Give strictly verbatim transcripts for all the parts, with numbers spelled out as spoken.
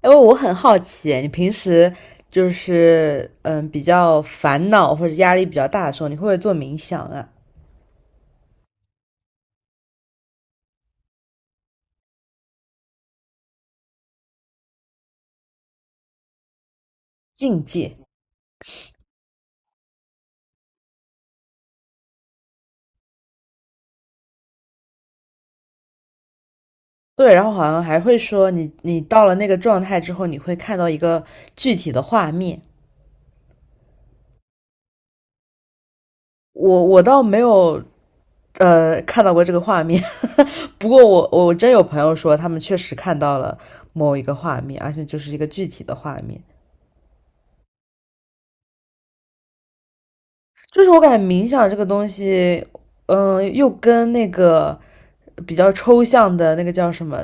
哎，我很好奇，你平时就是嗯比较烦恼或者压力比较大的时候，你会不会做冥想啊、静寂？对，然后好像还会说你你到了那个状态之后，你会看到一个具体的画面。我我倒没有呃看到过这个画面，不过我我真有朋友说他们确实看到了某一个画面，而且就是一个具体的画面。就是我感觉冥想这个东西，嗯，又跟那个比较抽象的那个叫什么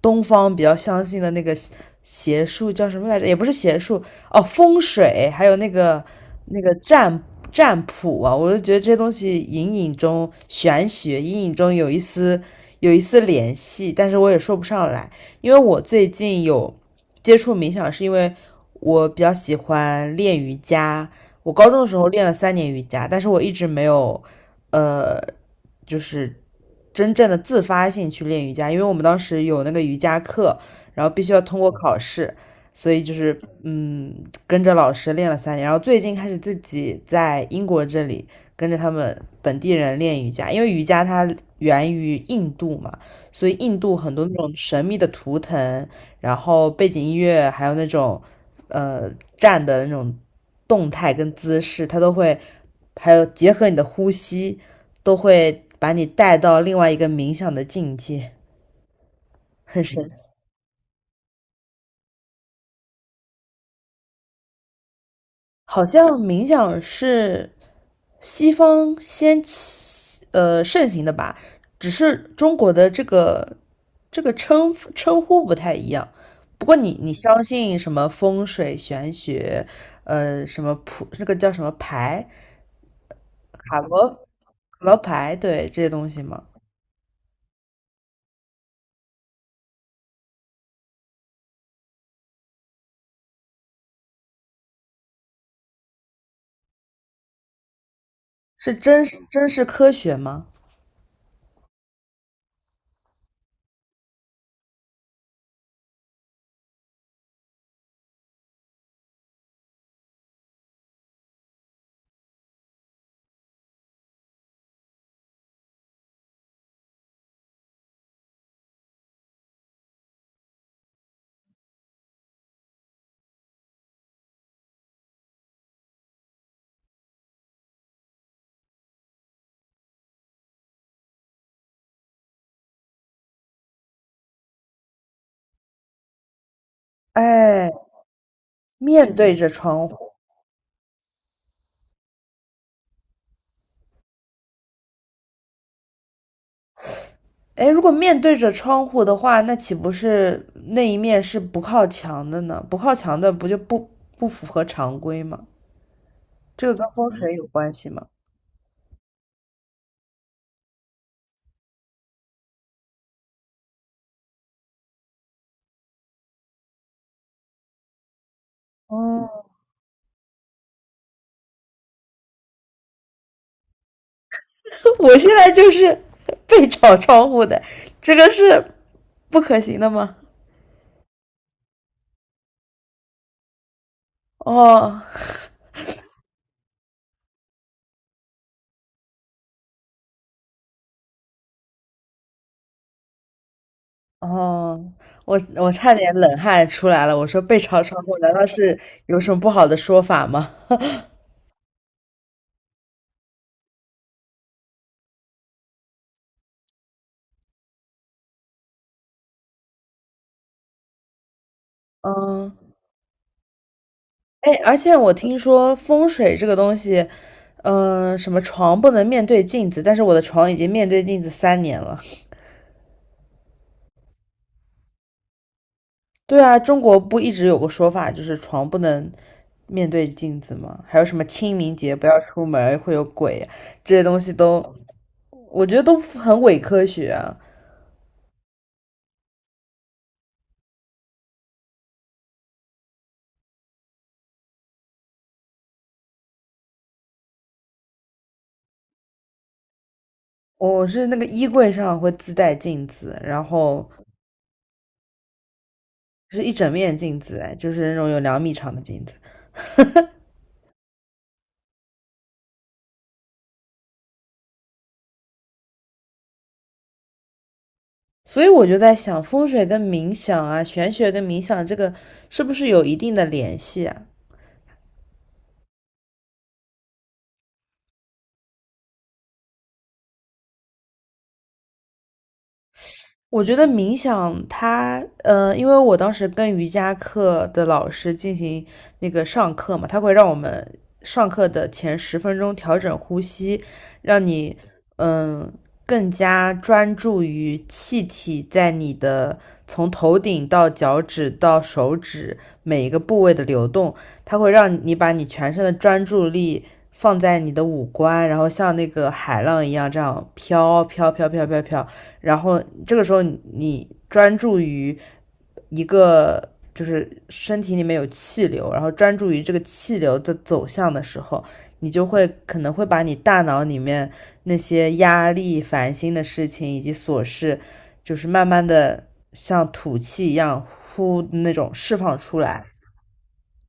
东方比较相信的那个邪术叫什么来着？也不是邪术哦，风水，还有那个那个占占卜啊，我就觉得这些东西隐隐中玄学，隐隐中有一丝有一丝联系，但是我也说不上来，因为我最近有接触冥想，是因为我比较喜欢练瑜伽。我高中的时候练了三年瑜伽，但是我一直没有呃，就是真正的自发性去练瑜伽，因为我们当时有那个瑜伽课，然后必须要通过考试，所以就是嗯，跟着老师练了三年，然后最近开始自己在英国这里跟着他们本地人练瑜伽，因为瑜伽它源于印度嘛，所以印度很多那种神秘的图腾。然后背景音乐还有那种呃站的那种动态跟姿势，它都会，还有结合你的呼吸，都会把你带到另外一个冥想的境界，很神奇。好像冥想是西方先起呃盛行的吧，只是中国的这个这个称称呼不太一样。不过你你相信什么风水玄学，呃，什么普那个叫什么牌，塔罗塔罗牌，对这些东西吗？是真是真是科学吗？哎，面对着窗户，哎，如果面对着窗户的话，那岂不是那一面是不靠墙的呢？不靠墙的不就不不符合常规吗？这个跟风水有关系吗？哦，我现在就是背朝 窗户的，这个是不可行的吗？哦，哦，我我差点冷汗出来了。我说被潮闯户，难道是有什么不好的说法吗？嗯，哎，而且我听说风水这个东西，嗯、什么床不能面对镜子，但是我的床已经面对镜子三年了。对啊，中国不一直有个说法，就是床不能面对镜子吗？还有什么清明节不要出门会有鬼啊，这些东西都，我觉得都很伪科学啊。我是那个衣柜上会自带镜子，然后是一整面镜子，哎，就是那种有两米长的镜子。所以我就在想，风水跟冥想啊，玄学跟冥想这个是不是有一定的联系啊？我觉得冥想它，呃，因为我当时跟瑜伽课的老师进行那个上课嘛，他会让我们上课的前十分钟调整呼吸，让你，嗯，更加专注于气体在你的从头顶到脚趾到手指每一个部位的流动，它会让你把你全身的专注力放在你的五官，然后像那个海浪一样这样飘飘飘飘飘飘飘。然后这个时候你专注于一个就是身体里面有气流，然后专注于这个气流的走向的时候，你就会可能会把你大脑里面那些压力、烦心的事情以及琐事，就是慢慢的像吐气一样呼那种释放出来。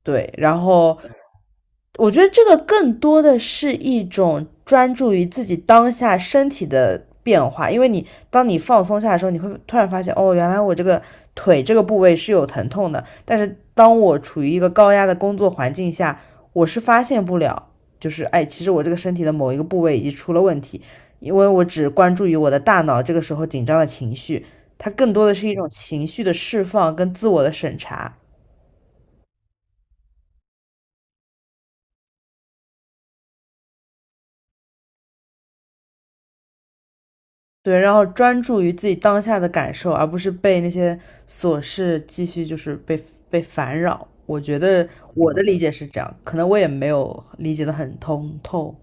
对，然后我觉得这个更多的是一种专注于自己当下身体的变化，因为你当你放松下的时候，你会突然发现，哦，原来我这个腿这个部位是有疼痛的，但是当我处于一个高压的工作环境下，我是发现不了，就是哎，其实我这个身体的某一个部位已经出了问题，因为我只关注于我的大脑这个时候紧张的情绪，它更多的是一种情绪的释放跟自我的审查。对，然后专注于自己当下的感受，而不是被那些琐事继续就是被被烦扰。我觉得我的理解是这样，可能我也没有理解的很通透。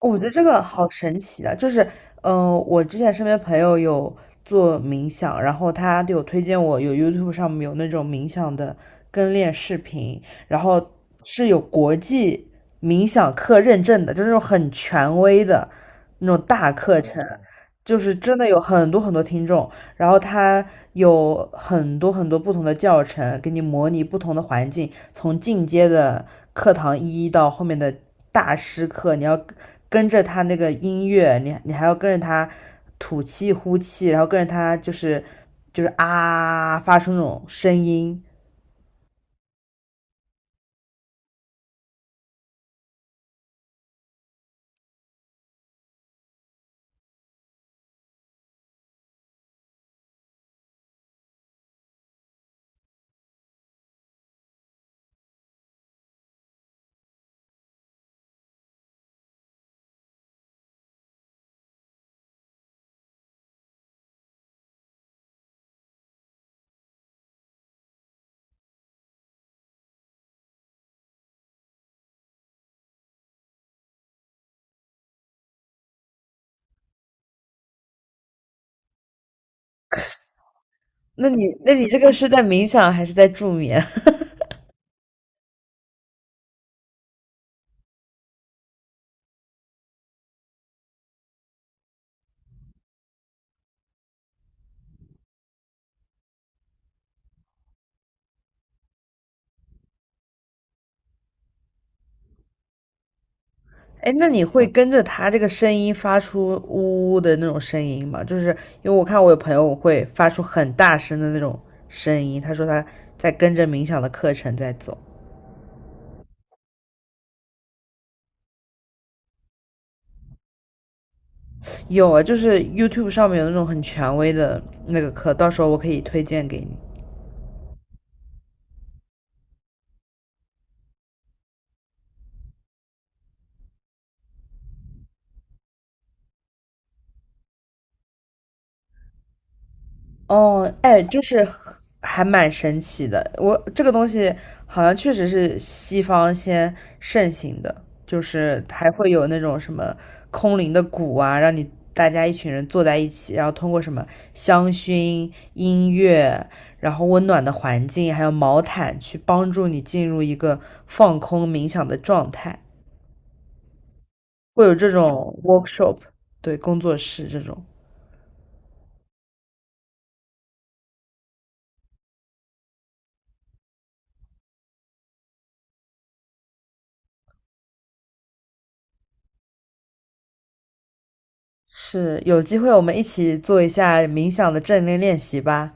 哦我觉得这个好神奇啊！就是，嗯、呃，我之前身边朋友有做冥想，然后他就有推荐我，有 YouTube 上面有那种冥想的跟练视频，然后是有国际冥想课认证的，就是那种很权威的那种大课程，哦就是真的有很多很多听众，然后他有很多很多不同的教程，给你模拟不同的环境，从进阶的课堂一到后面的大师课，你要。跟着他那个音乐，你你还要跟着他吐气呼气，然后跟着他就是就是啊发出那种声音。那你那你这个是在冥想还是在助眠？哎，那你会跟着他这个声音发出呜呜的那种声音吗？就是因为我看我有朋友会发出很大声的那种声音，他说他在跟着冥想的课程在走。有啊，就是 YouTube 上面有那种很权威的那个课，到时候我可以推荐给你。哦，哎，就是还蛮神奇的。我这个东西好像确实是西方先盛行的，就是还会有那种什么空灵的鼓啊，让你大家一群人坐在一起，然后通过什么香薰、音乐，然后温暖的环境，还有毛毯去帮助你进入一个放空冥想的状态，会有这种 workshop，对，工作室这种。是，有机会我们一起做一下冥想的正念练习吧。